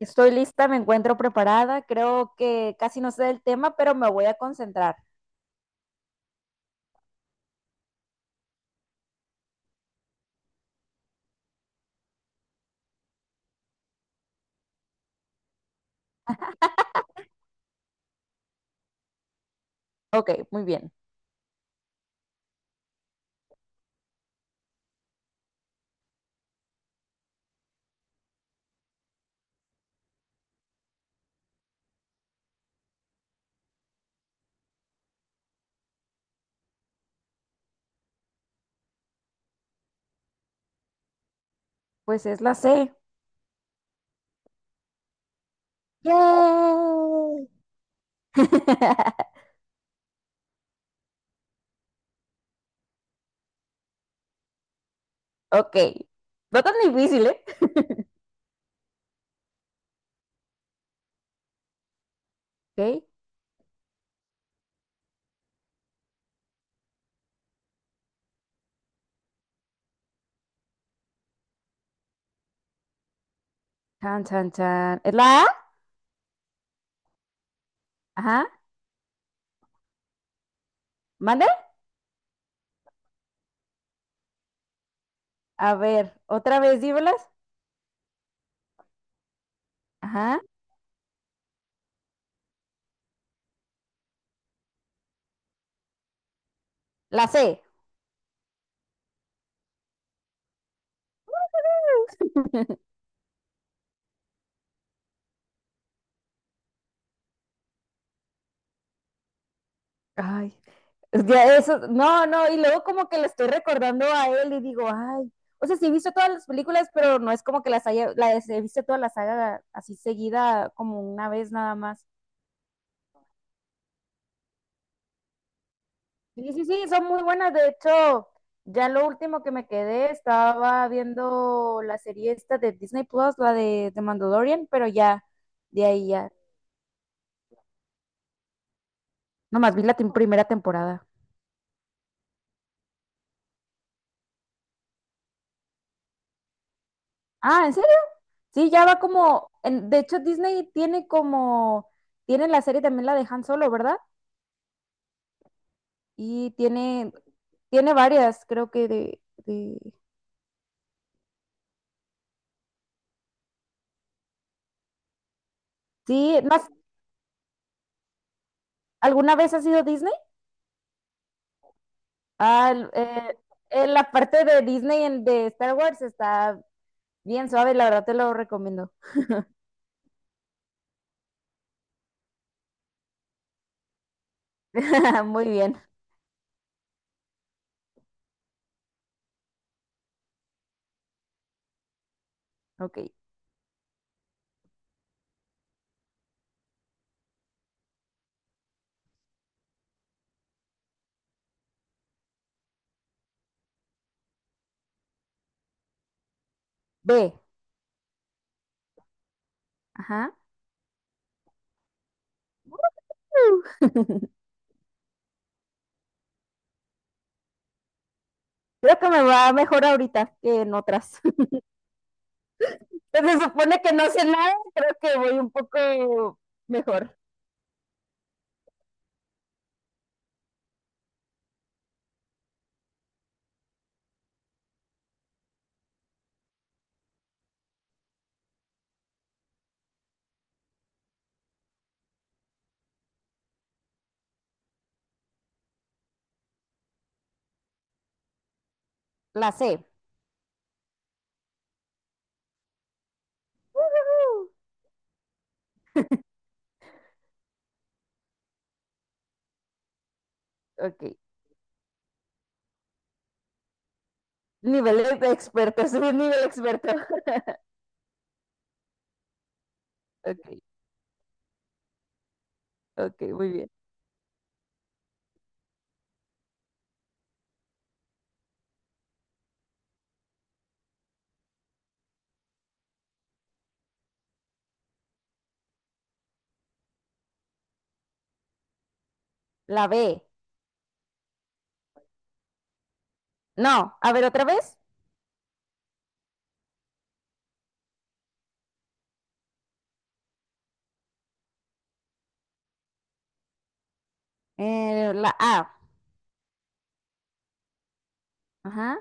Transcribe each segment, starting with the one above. Estoy lista, me encuentro preparada. Creo que casi no sé del tema, pero me voy a concentrar. Ok, muy bien. Pues es la C. ¡Yay! Ok. No tan difícil, ¿eh? Ok. Chan, chan, chan. ¿Es la A? Ajá. ¿Mande? A ver, otra vez, dímelas. Ajá. La C. Ay, ya eso, no, no, y luego como que le estoy recordando a él y digo, ay, o sea, sí he visto todas las películas, pero no es como que las he visto toda la saga así seguida como una vez nada más. Sí, sí, sí, son muy buenas, de hecho, ya lo último que me quedé, estaba viendo la serie esta de Disney Plus, la de Mandalorian, pero ya, de ahí ya, nomás vi la primera temporada. Ah, ¿en serio? Sí, ya va como, de hecho Disney tiene como, tiene la serie también la de Han Solo, ¿verdad? Y tiene varias, creo que Sí, no, ¿alguna vez has ido a Disney? Ah, en la parte de Disney de Star Wars está bien suave, la verdad te lo recomiendo. Muy bien, ok. B, ajá. Creo que me va mejor ahorita que en otras. Pues se supone que no sé nada, creo que voy un poco mejor. La C. Ujú. Ok. Nivel de experto, subí nivel experto. Ok. Ok, muy bien. La B. No, a ver otra vez. La A. Ajá.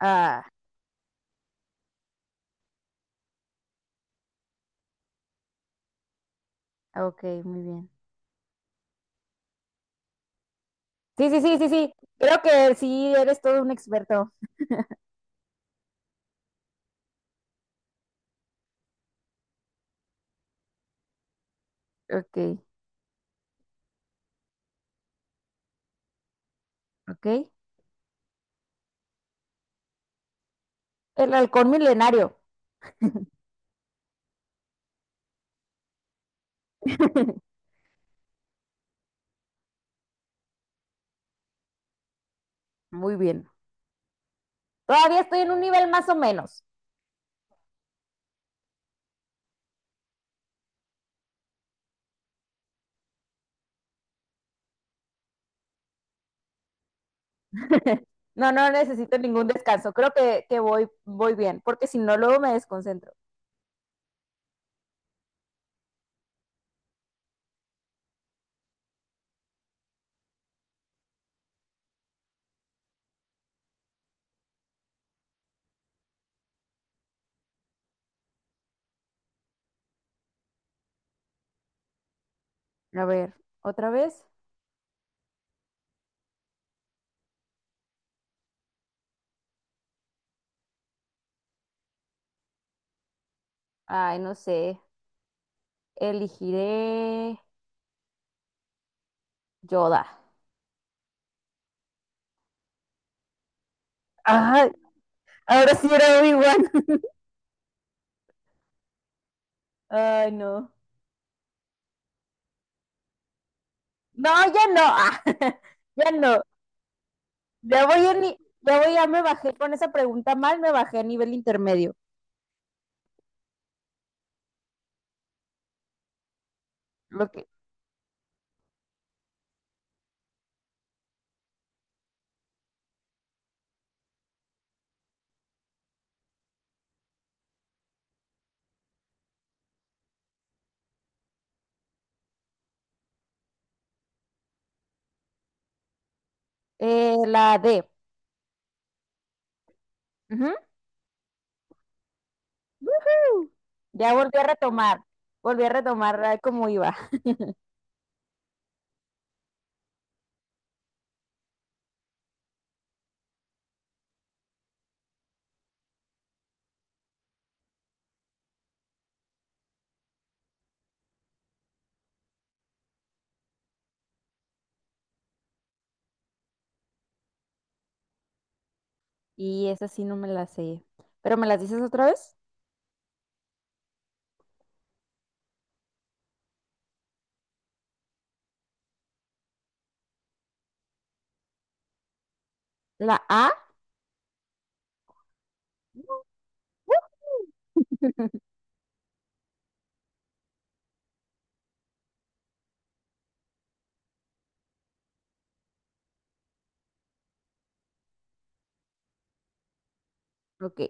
Ah, ok, muy bien. Sí, sí, sí, sí, sí. Creo que sí, eres todo un experto. Ok, ok. El halcón milenario. Muy bien. Todavía estoy en un nivel más o menos. No, no necesito ningún descanso. Creo que voy bien, porque si no, luego me desconcentro. A ver, otra vez. Ay, no sé. Elegiré Yoda. Ay, ahora sí era Obi-Wan. Ay, no. No, ya no. Ya no. Ya voy a ni- ya voy, ya me bajé con esa pregunta mal, me bajé a nivel intermedio. Lo que, la D. Ujú. Ujú. Ya volví a retomar. Volví a retomar cómo iba. Y esa sí no me la sé. ¿Pero me las dices otra vez? ¿La A? Ujú. Ok.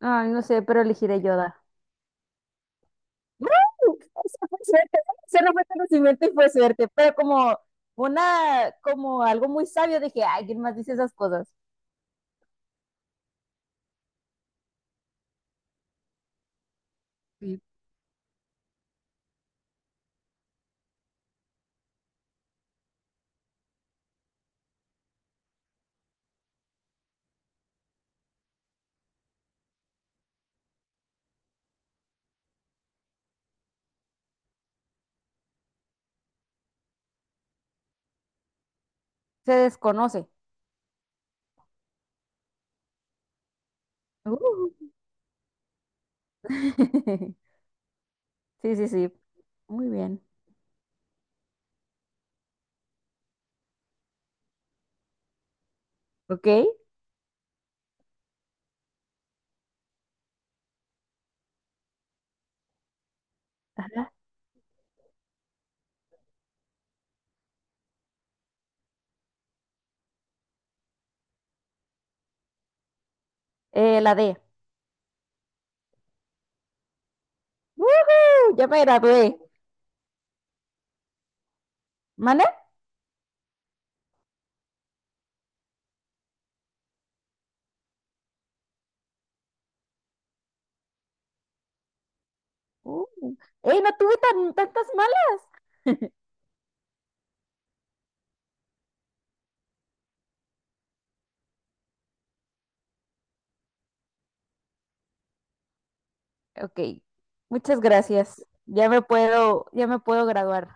Ay, no sé, pero elegiré Yoda. Eso fue suerte, ¿no? Eso no fue conocimiento y fue suerte, pero como como algo muy sabio, dije, ay, ¿quién más dice esas cosas? Sí. Se desconoce. Uh. Sí, sí, sí. Muy bien. Ok. La D. ¡Woohoo! Ya me gradué. ¿Mana? Uh. ¡Ey, no tuve tantas malas! Ok. Muchas gracias. Ya me puedo graduar.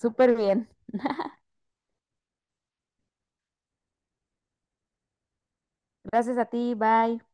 Súper bien. Gracias a ti. Bye.